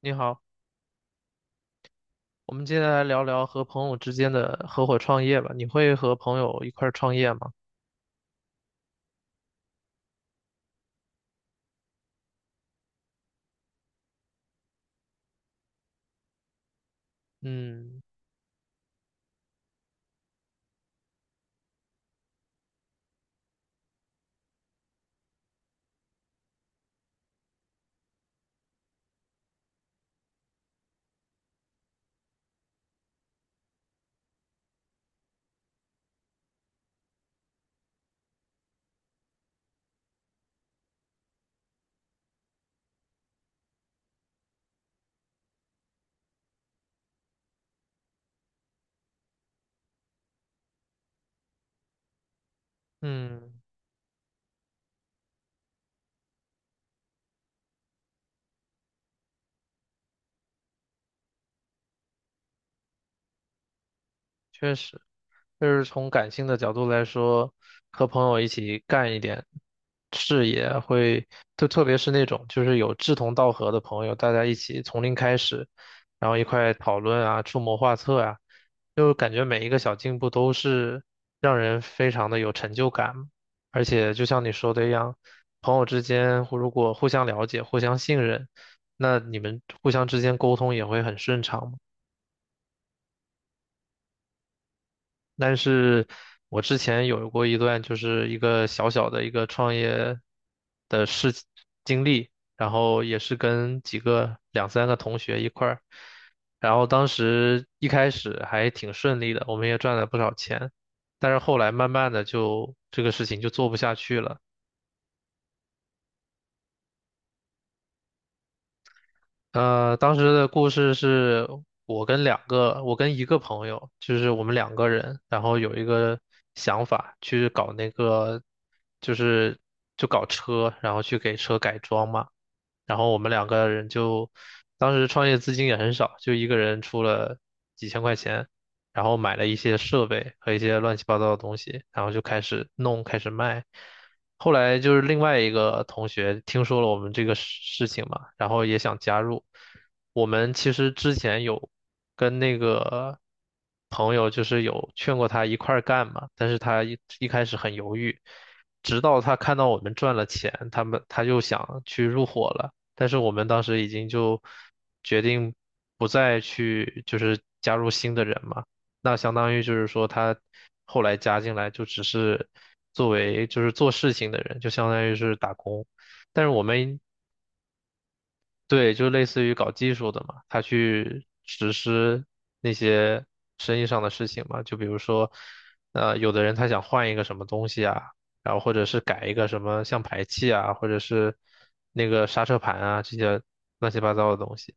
你好，我们接下来聊聊和朋友之间的合伙创业吧。你会和朋友一块儿创业吗？嗯嗯，确实，就是从感性的角度来说，和朋友一起干一点，视野会，就特别是那种就是有志同道合的朋友，大家一起从零开始，然后一块讨论啊，出谋划策啊，就感觉每一个小进步都是让人非常的有成就感。而且就像你说的一样，朋友之间互如果互相了解、互相信任，那你们互相之间沟通也会很顺畅嘛。但是我之前有过一段就是一个小小的一个创业的事情经历，然后也是跟几个两三个同学一块儿，然后当时一开始还挺顺利的，我们也赚了不少钱，但是后来慢慢的就这个事情就做不下去了。当时的故事是我跟两个，我跟一个朋友，就是我们两个人，然后有一个想法去搞那个，就是就搞车，然后去给车改装嘛。然后我们两个人就当时创业资金也很少，就一个人出了几千块钱，然后买了一些设备和一些乱七八糟的东西，然后就开始弄，开始卖。后来就是另外一个同学听说了我们这个事情嘛，然后也想加入。我们其实之前有跟那个朋友就是有劝过他一块儿干嘛，但是他一开始很犹豫，直到他看到我们赚了钱，他们他就想去入伙了。但是我们当时已经就决定不再去，就是加入新的人嘛。那相当于就是说，他后来加进来就只是作为就是做事情的人，就相当于是打工。但是我们对，就类似于搞技术的嘛，他去实施那些生意上的事情嘛，就比如说，有的人他想换一个什么东西啊，然后或者是改一个什么像排气啊，或者是那个刹车盘啊，这些乱七八糟的东西。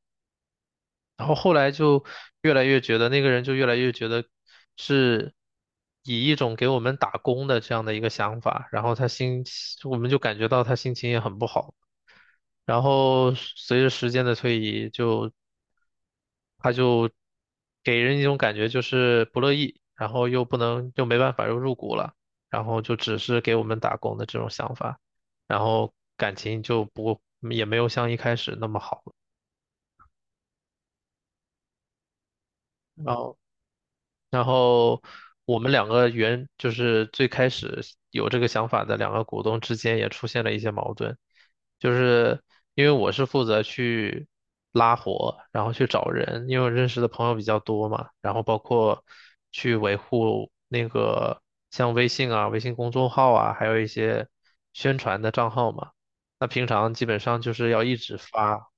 然后后来就越来越觉得那个人就越来越觉得是以一种给我们打工的这样的一个想法，然后他心，我们就感觉到他心情也很不好。然后随着时间的推移，就他就给人一种感觉就是不乐意，然后又不能又没办法又入股了，然后就只是给我们打工的这种想法，然后感情就不也没有像一开始那么好了，然后。然后我们两个原就是最开始有这个想法的两个股东之间也出现了一些矛盾，就是因为我是负责去拉活，然后去找人，因为我认识的朋友比较多嘛，然后包括去维护那个像微信啊、微信公众号啊，还有一些宣传的账号嘛。那平常基本上就是要一直发。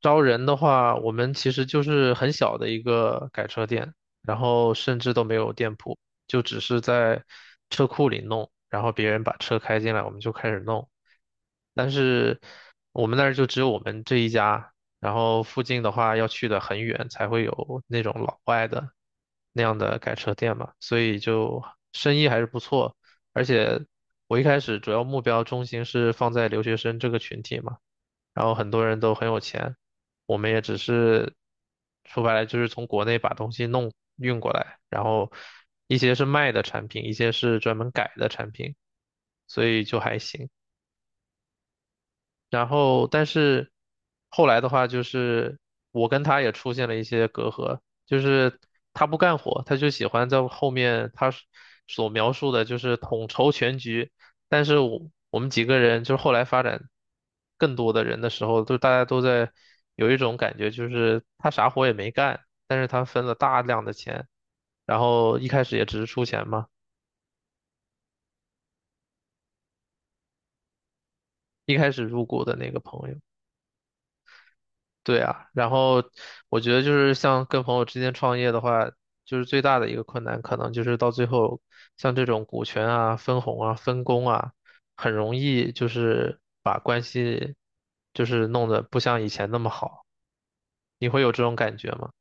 招人的话，我们其实就是很小的一个改车店，然后甚至都没有店铺，就只是在车库里弄，然后别人把车开进来，我们就开始弄。但是我们那儿就只有我们这一家，然后附近的话要去的很远才会有那种老外的那样的改车店嘛，所以就生意还是不错。而且我一开始主要目标中心是放在留学生这个群体嘛。然后很多人都很有钱，我们也只是说白了就是从国内把东西弄运过来，然后一些是卖的产品，一些是专门改的产品，所以就还行。然后，但是后来的话，就是我跟他也出现了一些隔阂，就是他不干活，他就喜欢在后面他所描述的，就是统筹全局。但是我们几个人，就是后来发展更多的人的时候，就大家都在有一种感觉，就是他啥活也没干，但是他分了大量的钱，然后一开始也只是出钱嘛，一开始入股的那个朋友。对啊，然后我觉得就是像跟朋友之间创业的话，就是最大的一个困难，可能就是到最后，像这种股权啊、分红啊、分工啊，很容易就是把关系就是弄得不像以前那么好。你会有这种感觉吗？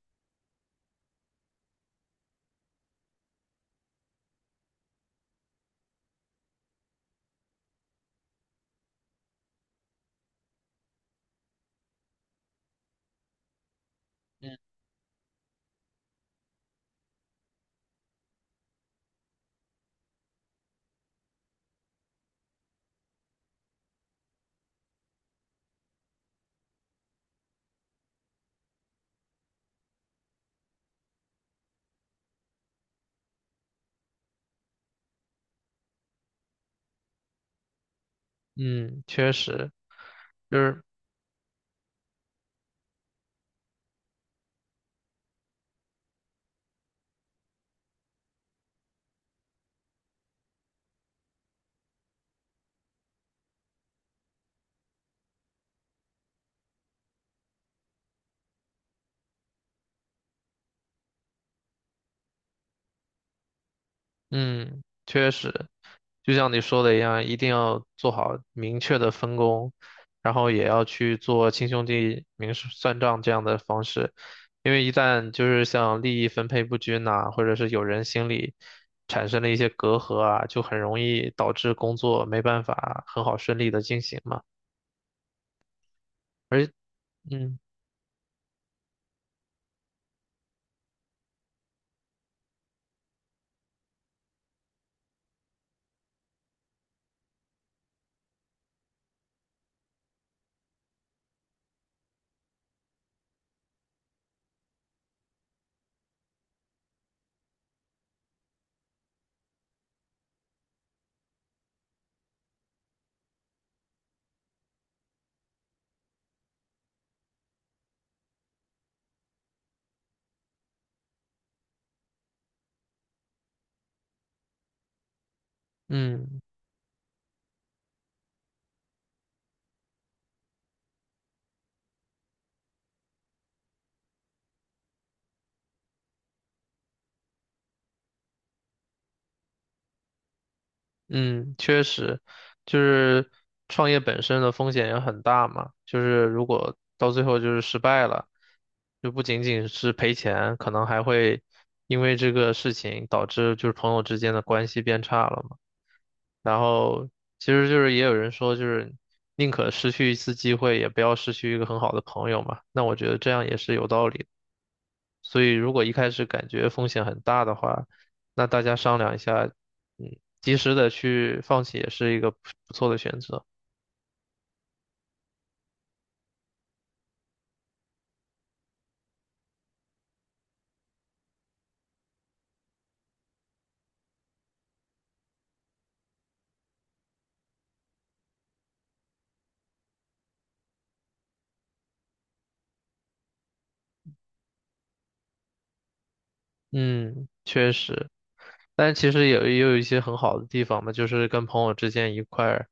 嗯，嗯确实，就是嗯，确实，就像你说的一样，一定要做好明确的分工，然后也要去做亲兄弟明示算账这样的方式，因为一旦就是像利益分配不均呐、或者是有人心里产生了一些隔阂啊，就很容易导致工作没办法很好顺利的进行嘛。而嗯嗯，嗯，确实，就是创业本身的风险也很大嘛。就是如果到最后就是失败了，就不仅仅是赔钱，可能还会因为这个事情导致就是朋友之间的关系变差了嘛。然后其实就是也有人说，就是宁可失去一次机会，也不要失去一个很好的朋友嘛。那我觉得这样也是有道理的。所以如果一开始感觉风险很大的话，那大家商量一下，嗯，及时的去放弃也是一个不错的选择。嗯，确实。但其实也有一些很好的地方嘛，就是跟朋友之间一块儿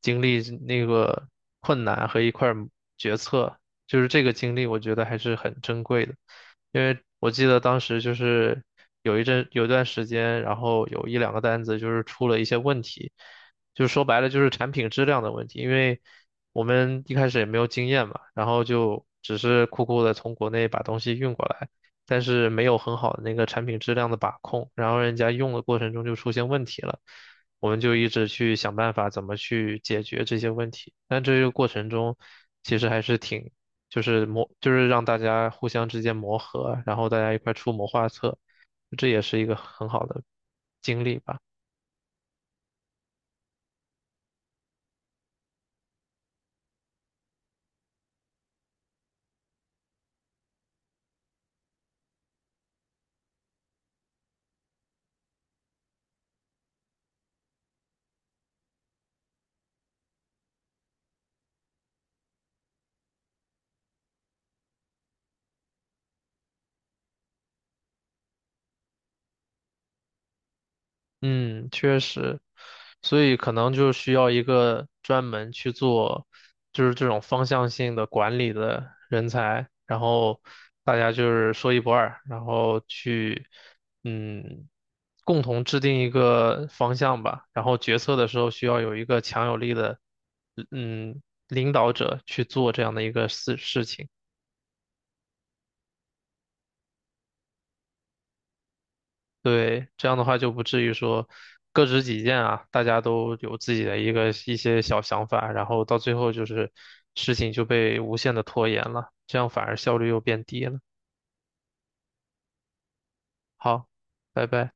经历那个困难和一块儿决策，就是这个经历，我觉得还是很珍贵的。因为我记得当时就是有一阵有一段时间，然后有一两个单子就是出了一些问题，就是说白了就是产品质量的问题，因为我们一开始也没有经验嘛，然后就只是酷酷的从国内把东西运过来。但是没有很好的那个产品质量的把控，然后人家用的过程中就出现问题了，我们就一直去想办法怎么去解决这些问题。但这个过程中，其实还是挺，就是磨，就是让大家互相之间磨合，然后大家一块出谋划策，这也是一个很好的经历吧。嗯，确实，所以可能就需要一个专门去做，就是这种方向性的管理的人才，然后大家就是说一不二，然后去，嗯，共同制定一个方向吧，然后决策的时候需要有一个强有力的，嗯，领导者去做这样的一个事情。对，这样的话就不至于说各执己见啊，大家都有自己的一个一些小想法，然后到最后就是事情就被无限的拖延了，这样反而效率又变低了。好，拜拜。